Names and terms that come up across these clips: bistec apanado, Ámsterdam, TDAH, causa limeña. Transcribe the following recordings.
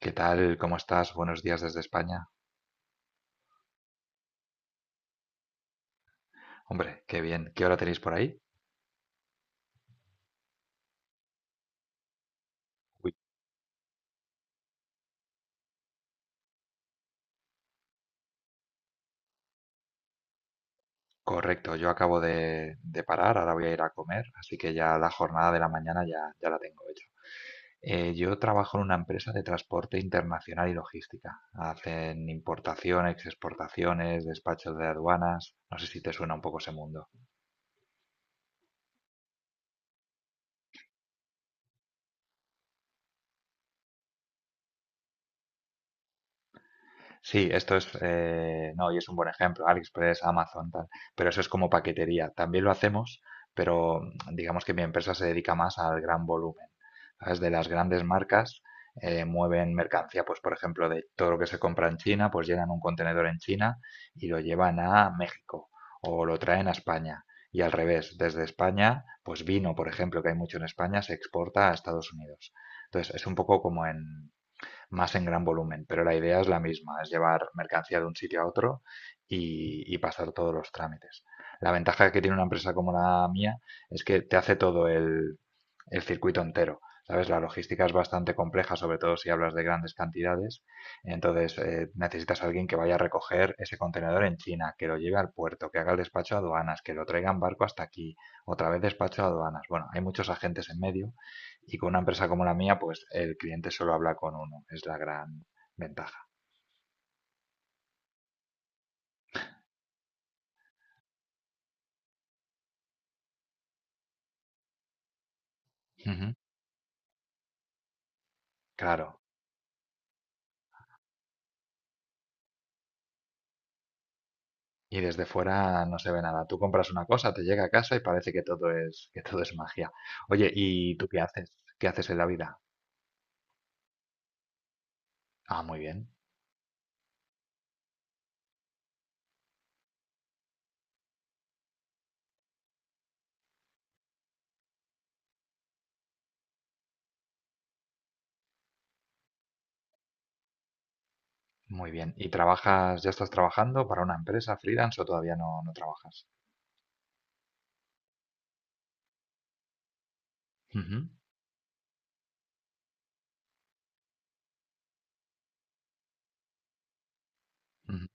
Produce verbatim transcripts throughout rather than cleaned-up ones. ¿Qué tal? ¿Cómo estás? Buenos días desde España. Hombre, qué bien. ¿Qué hora tenéis por ahí? Uy, correcto, yo acabo de, de parar, ahora voy a ir a comer, así que ya la jornada de la mañana ya, ya la tengo hecha. Eh, yo trabajo en una empresa de transporte internacional y logística. Hacen importaciones, exportaciones, despachos de aduanas. No sé si te suena un poco ese mundo. Sí, esto es, eh, no, y es un buen ejemplo, AliExpress, Amazon, tal, pero eso es como paquetería. También lo hacemos, pero mm, digamos que mi empresa se dedica más al gran volumen. ¿Sabes? De las grandes marcas eh, mueven mercancía, pues por ejemplo, de todo lo que se compra en China, pues llenan un contenedor en China y lo llevan a México o lo traen a España. Y al revés, desde España, pues vino, por ejemplo, que hay mucho en España, se exporta a Estados Unidos. Entonces, es un poco como en, más en gran volumen, pero la idea es la misma, es llevar mercancía de un sitio a otro y, y pasar todos los trámites. La ventaja que tiene una empresa como la mía es que te hace todo el, el circuito entero. ¿Sabes? La logística es bastante compleja, sobre todo si hablas de grandes cantidades. Entonces, eh, necesitas a alguien que vaya a recoger ese contenedor en China, que lo lleve al puerto, que haga el despacho a aduanas, que lo traiga en barco hasta aquí, otra vez despacho a aduanas. Bueno, hay muchos agentes en medio y con una empresa como la mía, pues el cliente solo habla con uno, es la gran ventaja. Ujú. Claro. Y desde fuera no se ve nada. Tú compras una cosa, te llega a casa y parece que todo es, que todo es magia. Oye, ¿y tú qué haces? ¿Qué haces en la vida? Ah, muy bien, muy bien. ¿Y trabajas, ya estás trabajando para una empresa freelance o todavía no, no trabajas? Ujú, ujú.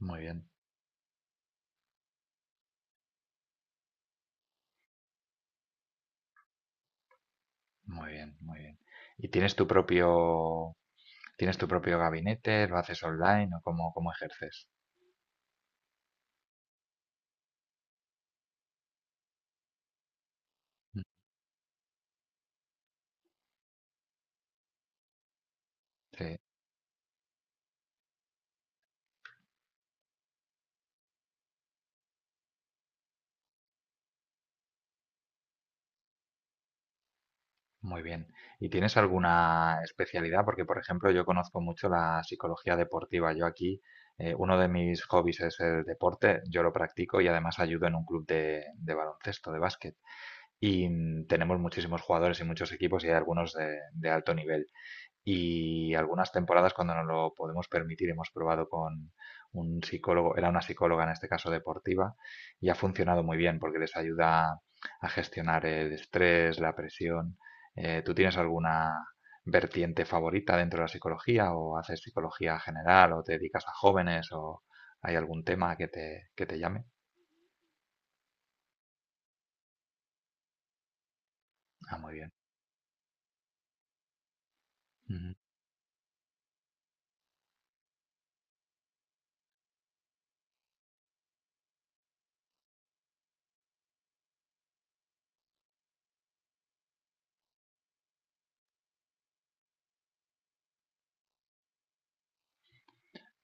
Muy bien, muy bien, muy bien. ¿Y tienes tu propio, ¿tienes tu propio gabinete? ¿Lo haces online o cómo, cómo ejerces? Mm. Sí. Muy bien. ¿Y tienes alguna especialidad? Porque, por ejemplo, yo conozco mucho la psicología deportiva. Yo aquí, eh, uno de mis hobbies es el deporte. Yo lo practico y además ayudo en un club de, de baloncesto, de básquet. Y mm, tenemos muchísimos jugadores y muchos equipos y hay algunos de, de alto nivel. Y algunas temporadas, cuando nos lo podemos permitir, hemos probado con un psicólogo, era una psicóloga en este caso deportiva, y ha funcionado muy bien porque les ayuda a gestionar el estrés, la presión. Eh, ¿tú tienes alguna vertiente favorita dentro de la psicología o haces psicología general o te dedicas a jóvenes o hay algún tema que te, que te llame? Ah, muy bien.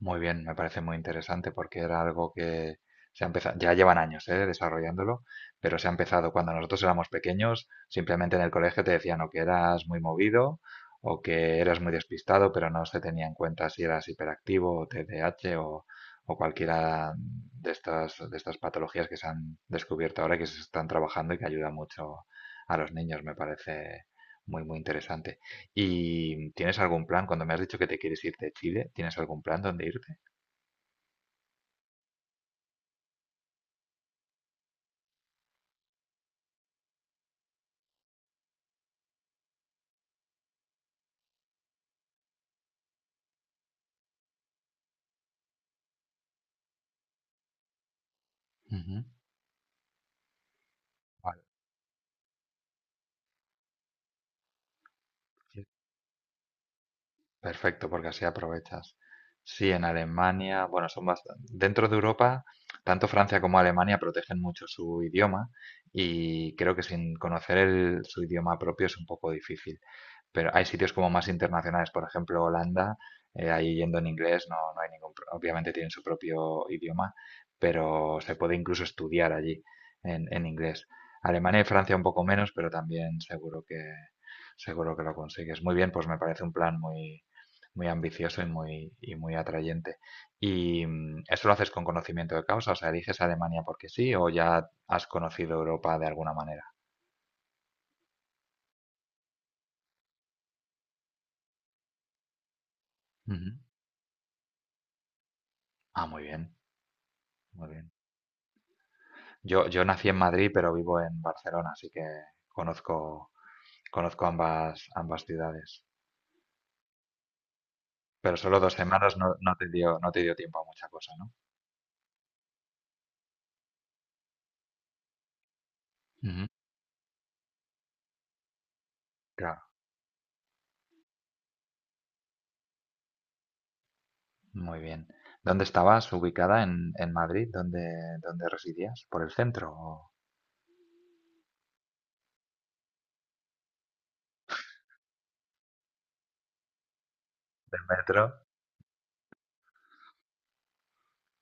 Muy bien, me parece muy interesante porque era algo que se ha empezado, ya llevan años eh, desarrollándolo, pero se ha empezado cuando nosotros éramos pequeños, simplemente en el colegio te decían o que eras muy movido o que eras muy despistado, pero no se tenía en cuenta si eras hiperactivo o T D A H o, o cualquiera de estas, de estas patologías que se han descubierto ahora y que se están trabajando y que ayuda mucho a los niños, me parece muy, muy interesante. ¿Y tienes algún plan? Cuando me has dicho que te quieres ir de Chile, ¿tienes algún plan donde irte? Ujú. Vale, sí. Perfecto, porque así aprovechas. Sí, en Alemania, bueno, son bastante... Dentro de Europa, tanto Francia como Alemania protegen mucho su idioma y creo que sin conocer el- su idioma propio es un poco difícil. Pero hay sitios como más internacionales, por ejemplo Holanda, eh, ahí yendo en inglés no, no hay ningún, pro- obviamente tienen su propio idioma, pero se puede incluso estudiar allí en, en inglés. Alemania y Francia un poco menos, pero también seguro que, seguro que lo consigues. Muy bien, pues me parece un plan muy, muy ambicioso y muy, y muy atrayente. ¿Y mm, eso lo haces con conocimiento de causa? O sea, ¿eliges Alemania porque sí o ya has conocido Europa de alguna manera? Ujú. Ah, muy bien, muy bien. Yo, yo nací en Madrid, pero vivo en Barcelona, así que conozco, conozco ambas, ambas ciudades. Pero solo dos semanas no, no te dio, no te dio tiempo a mucha cosa, ¿no? Ujú. Claro, muy bien. ¿Dónde estabas ubicada en, en Madrid? ¿Dónde, dónde residías? ¿Por el centro o del metro?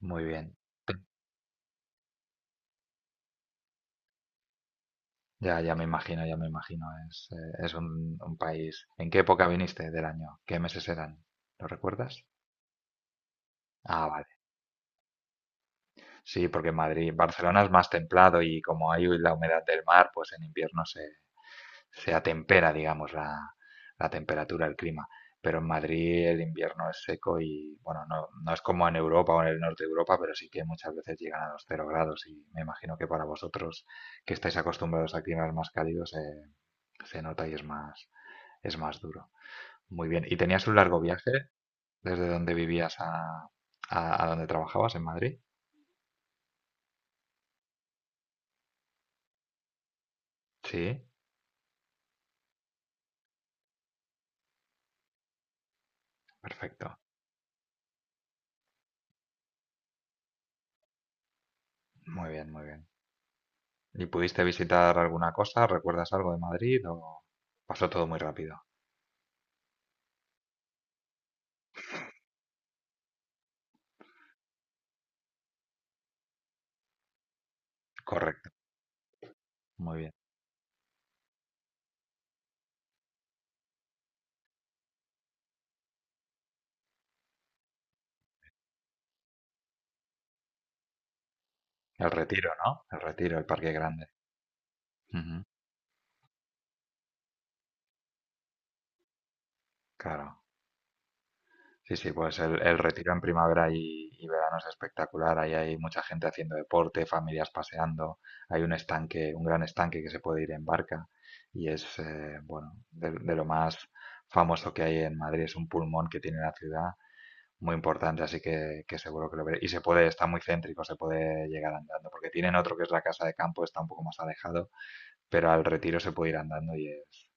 Muy bien. Te- Ya, ya me imagino, ya me imagino. Es, eh, es un, un país. ¿En qué época viniste del año? ¿Qué meses eran? ¿Lo recuerdas? Ah, vale. Sí, porque Madrid, Barcelona es más templado y como hay la humedad del mar, pues en invierno se, se atempera, digamos, la, la temperatura, el clima. Pero en Madrid el invierno es seco y, bueno, no, no es como en Europa o en el norte de Europa, pero sí que muchas veces llegan a los cero grados y me imagino que para vosotros que estáis acostumbrados a climas más cálidos eh, se nota y es más, es más duro. Muy bien. ¿Y tenías un largo viaje desde donde vivías a, a, a donde trabajabas en Madrid? Sí, perfecto. Muy bien, muy bien. ¿Y pudiste visitar alguna cosa? ¿Recuerdas algo de Madrid o pasó todo muy rápido? Correcto, muy bien. El Retiro, ¿no? El Retiro, el Parque Grande. Ujú. Claro. Sí, sí, pues el, el Retiro en primavera y, y verano es espectacular. Ahí hay mucha gente haciendo deporte, familias paseando. Hay un estanque, un gran estanque que se puede ir en barca. Y es, eh, bueno, de, de lo más famoso que hay en Madrid. Es un pulmón que tiene la ciudad muy importante, así que, que seguro que lo veré. Y se puede, está muy céntrico, se puede llegar andando, porque tienen otro que es la casa de campo, está un poco más alejado, pero al retiro se puede ir andando y es,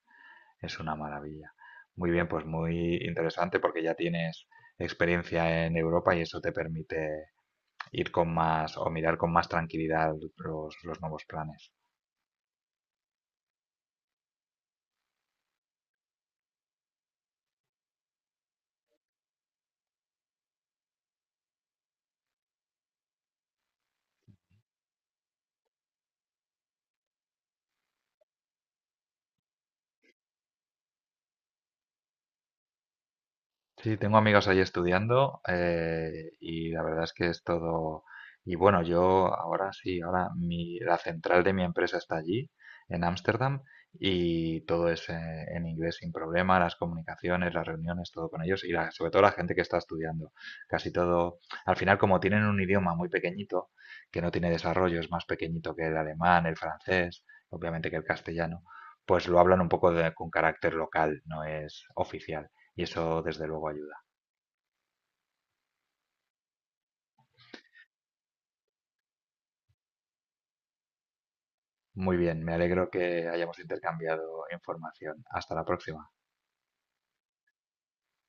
es una maravilla. Muy bien, pues muy interesante porque ya tienes experiencia en Europa y eso te permite ir con más o mirar con más tranquilidad los, los nuevos planes. Sí, tengo amigos ahí estudiando eh, y la verdad es que es todo... Y bueno, yo ahora sí, ahora mi, la central de mi empresa está allí, en Ámsterdam, y todo es eh, en inglés sin problema, las comunicaciones, las reuniones, todo con ellos y la- sobre todo la gente que está estudiando. Casi todo, al final como tienen un idioma muy pequeñito, que no tiene desarrollo, es más pequeñito que el alemán, el francés, obviamente que el castellano, pues lo hablan un poco de- con carácter local, no es oficial y eso desde luego ayuda. Muy bien, me alegro que hayamos intercambiado información. Hasta la próxima.